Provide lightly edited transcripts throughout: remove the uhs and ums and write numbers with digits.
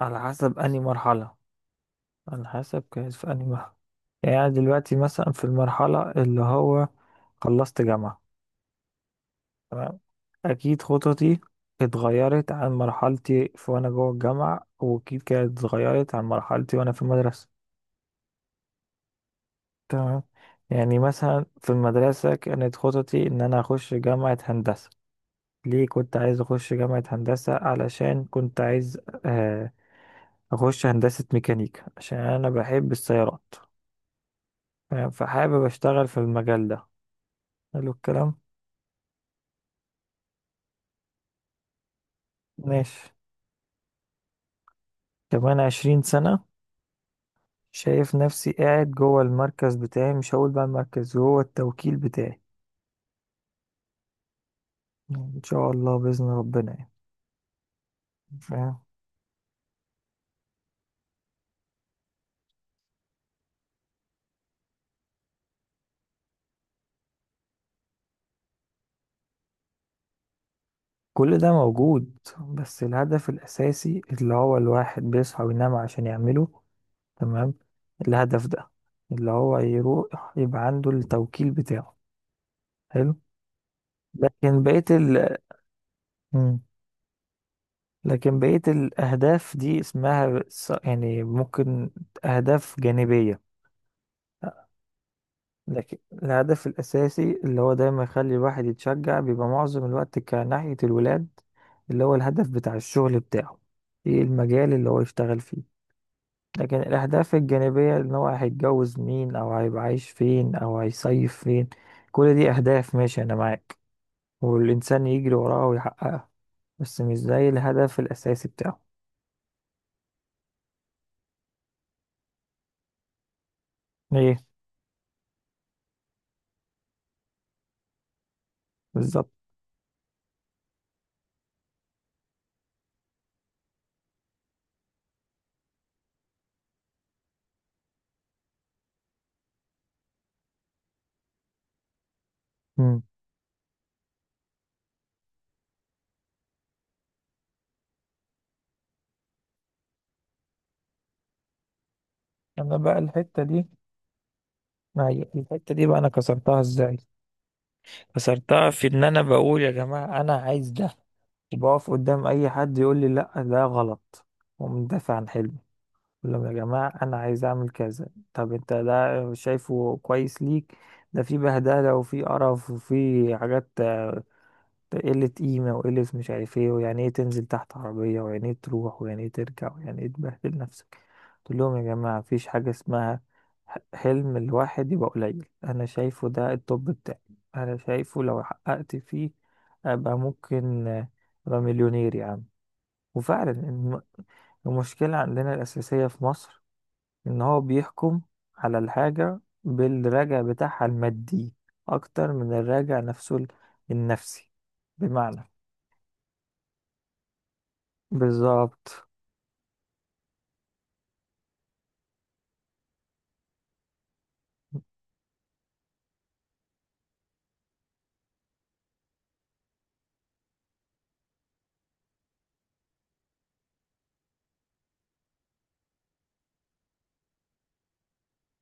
على حسب أنهي مرحلة، على حسب كانت في أنهي مرحلة. يعني أنا دلوقتي مثلا في المرحلة اللي هو خلصت جامعة. تمام. أكيد خططي اتغيرت عن مرحلتي في وأنا جوه الجامعة، وأكيد كانت اتغيرت عن مرحلتي وأنا في المدرسة. تمام. يعني مثلا في المدرسة كانت خططي إن أنا أخش جامعة هندسة. ليه كنت عايز أخش جامعة هندسة؟ علشان كنت عايز آه، أخش هندسة ميكانيكا عشان أنا بحب السيارات. تمام، فحابب اشتغل في المجال ده. حلو الكلام. ماشي. كمان 20 سنة، شايف نفسي قاعد جوه المركز بتاعي، مش هقول بقى المركز، جوه التوكيل بتاعي. يعني ان شاء الله بإذن ربنا يعني. فاهم. كل ده موجود، بس الهدف الأساسي اللي هو الواحد بيصحى وينام عشان يعمله، تمام، الهدف ده، اللي هو يروح يبقى عنده التوكيل بتاعه. حلو. لكن بقية ال مم. لكن بقية الأهداف دي اسمها يعني ممكن أهداف جانبية. لكن الهدف الأساسي اللي هو دايما يخلي الواحد يتشجع بيبقى معظم الوقت كناحية الولاد، اللي هو الهدف بتاع الشغل بتاعه، ايه المجال اللي هو يشتغل فيه. لكن الأهداف الجانبية إن هو هيتجوز مين أو هيبقى عايش فين أو هيصيف فين، كل دي أهداف، ماشي أنا معاك، والإنسان يجري وراها ويحققها، بس مش زي الهدف الأساسي بتاعه. ايه. بالظبط. انا بقى الحته دي، ما هي الحته دي بقى انا كسرتها ازاي؟ كسرتها في ان انا بقول يا جماعه انا عايز ده، وبقف قدام اي حد يقول لي لا ده غلط، ومدافع عن حلمي. بقول لهم يا جماعه انا عايز اعمل كذا. طب انت ده شايفه كويس ليك. ده في بهدله وفي قرف وفي حاجات، ده قلة قيمة وقلة مش عارف ايه، ويعني ايه تنزل تحت عربية، ويعني ايه تروح، ويعني ايه ترجع، ويعني ايه تبهدل نفسك. تقول لهم يا جماعة، مفيش حاجة اسمها حلم الواحد يبقى قليل. أنا شايفه ده التوب بتاعي، أنا شايفه لو حققت فيه أبقى ممكن أبقى مليونير يا عم. وفعلا المشكلة عندنا الأساسية في مصر، إن هو بيحكم على الحاجة بالراجع بتاعها المادي أكتر من الراجع نفسه النفسي. بمعنى. بالظبط.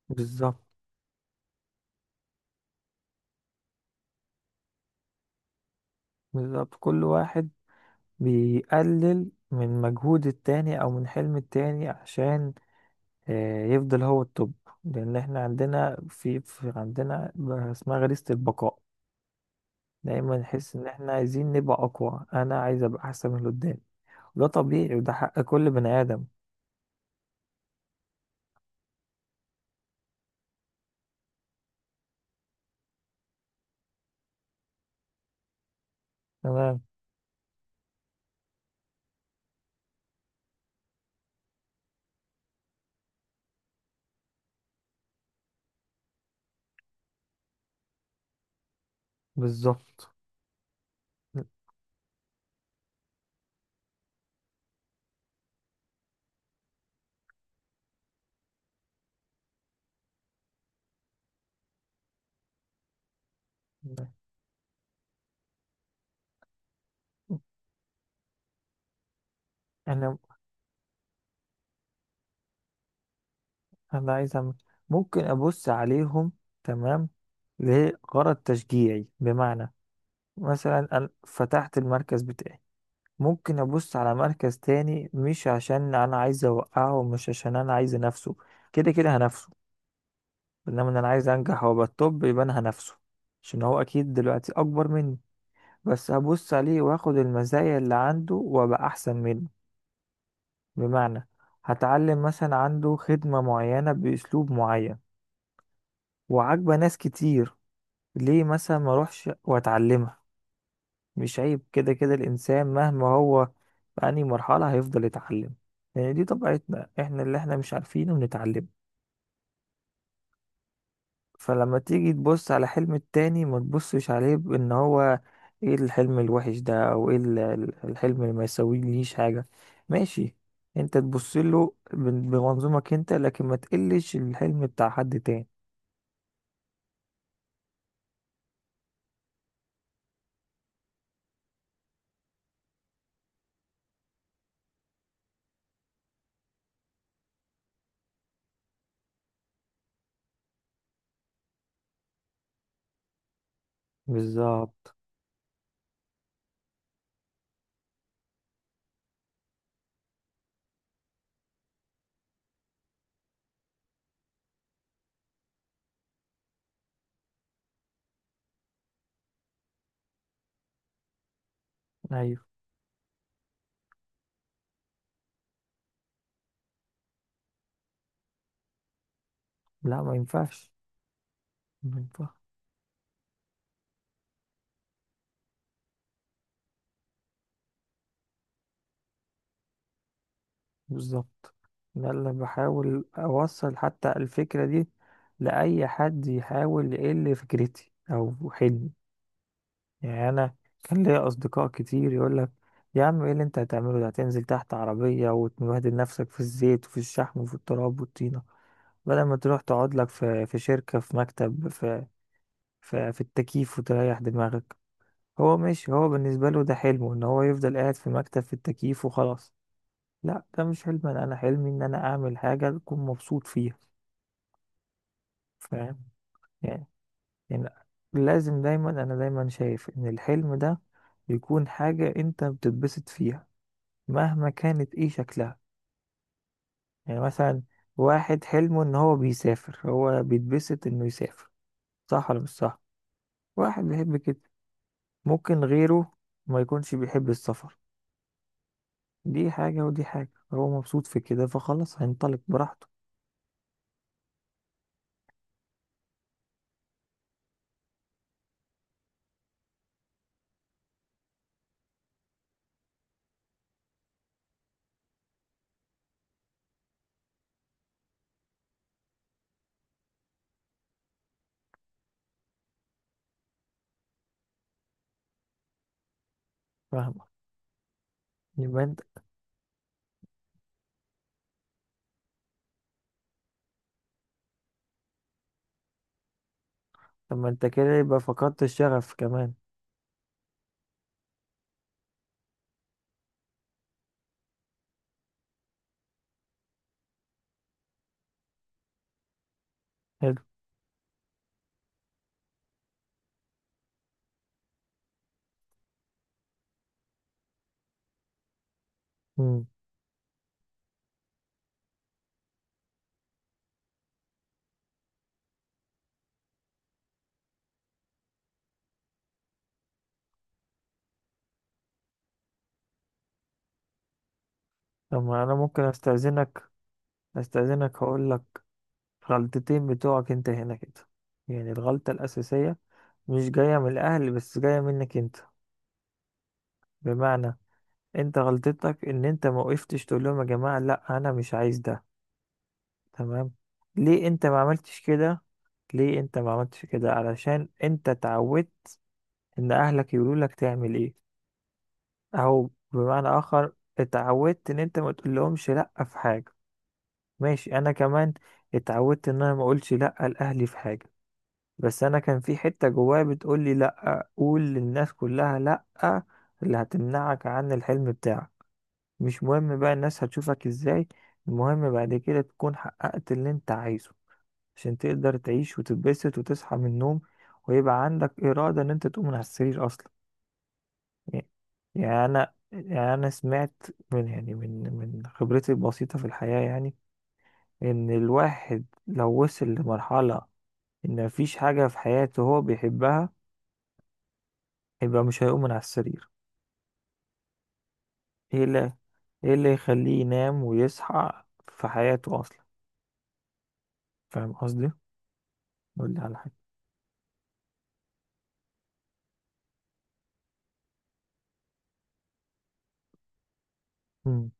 بالظبط. بالظبط. كل واحد بيقلل من مجهود التاني او من حلم التاني عشان يفضل هو التوب. لان احنا عندنا في عندنا اسمها غريزة البقاء، دايما نحس ان احنا عايزين نبقى اقوى، انا عايز ابقى احسن من اللي قدامي. ده طبيعي وده حق كل بني ادم. تمام. بالظبط. انا انا عايز أعمل، ممكن ابص عليهم. تمام. لغرض تشجيعي. بمعنى، مثلا أنا فتحت المركز بتاعي، ممكن أبص على مركز تاني، مش عشان أنا عايز أوقعه ومش عشان أنا عايز أنافسه، كده كده هنافسه، إنما إن أنا عايز أنجح وأبقى التوب يبقى أنا هنافسه. عشان هو أكيد دلوقتي أكبر مني، بس هبص عليه وآخد المزايا اللي عنده وأبقى أحسن منه. بمعنى، هتعلم مثلا عنده خدمة معينة بأسلوب معين وعاجبة ناس كتير، ليه مثلا ما أروحش وأتعلمها؟ مش عيب، كده كده الإنسان مهما هو في أي مرحلة هيفضل يتعلم. يعني دي طبيعتنا احنا، اللي احنا مش عارفينه بنتعلم. فلما تيجي تبص على حلم التاني ما تبصش عليه بإن هو ايه الحلم الوحش ده، أو ايه الحلم اللي ما يسويليش حاجة، ماشي، انت تبص له بمنظومك انت، لكن ما تقلش الحلم بتاع حد تاني. بالظبط. ايوه. لا ما ينفعش. ما ينفعش. بالظبط. ده اللي بحاول أوصل حتى الفكرة دي لأي حد يحاول يقل فكرتي أو حلمي. يعني أنا كان ليا أصدقاء كتير يقولك يا عم، إيه اللي أنت هتعمله ده؟ هتنزل تحت عربية وتبهدل نفسك في الزيت وفي الشحم وفي التراب والطينة، بدل ما تروح تقعد لك في في شركة في مكتب في في التكييف وتريح دماغك. هو ماشي، هو بالنسبة له ده حلمه إن هو يفضل قاعد في مكتب في التكييف وخلاص. لا ده مش حلم انا، أنا حلمي ان انا اعمل حاجه اكون مبسوط فيها. فاهم. يعني يعني لازم دايما، انا دايما شايف ان الحلم ده يكون حاجه انت بتتبسط فيها، مهما كانت ايه شكلها. يعني مثلا واحد حلمه ان هو بيسافر، هو بيتبسط انه يسافر، صح ولا مش صح؟ واحد بيحب كده، ممكن غيره ما يكونش بيحب السفر، دي حاجه ودي حاجه، هو مبسوط في كده فخلاص هينطلق براحته. فاهم. يبقى انت، طب ما انت كده يبقى فقدت الشغف كمان. حلو. مم. طب ما انا ممكن استأذنك، استأذنك هقول لك غلطتين بتوعك انت هنا كده. يعني الغلطة الأساسية مش جاية من الأهل بس، جاية منك انت. بمعنى، انت غلطتك ان انت ما وقفتش تقول لهم يا جماعة لا انا مش عايز ده. تمام. ليه انت ما عملتش كده؟ ليه انت ما عملتش كده؟ علشان انت اتعودت ان اهلك يقولوا لك تعمل ايه، او بمعنى اخر اتعودت ان انت ما تقول لهمش لا في حاجة. ماشي، انا كمان اتعودت ان انا ما اقولش لا لاهلي في حاجه، بس انا كان في حته جوايا بتقول لي لا، قول للناس كلها لا، اللي هتمنعك عن الحلم بتاعك. مش مهم بقى الناس هتشوفك ازاي، المهم بعد كده تكون حققت اللي انت عايزه، عشان تقدر تعيش وتتبسط وتصحى من النوم، ويبقى عندك اراده ان انت تقوم من على السرير اصلا. يعني، يعني انا، يعني انا سمعت من، يعني من خبرتي البسيطه في الحياه، يعني ان الواحد لو وصل لمرحلة ان مفيش حاجة في حياته هو بيحبها، يبقى مش هيقوم من على السرير. ايه اللي، ايه اللي يخليه ينام ويصحى في حياته اصلا؟ فاهم قصدي. قول لي على حاجة. امم.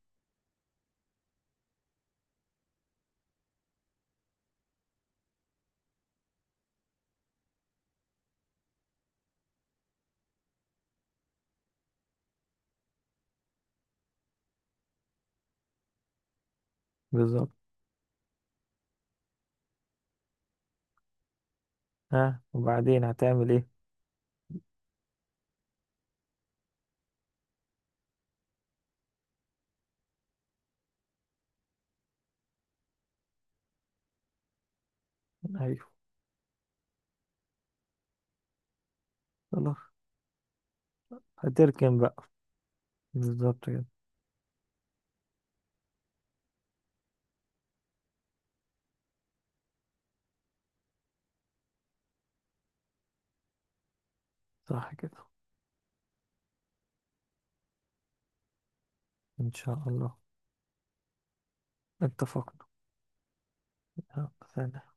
بالظبط. ها، وبعدين هتعمل ايه؟ ايوه. خلاص. هتركن بقى. بالظبط كده. صح كده. ان شاء الله. اتفقنا. ها، سلام.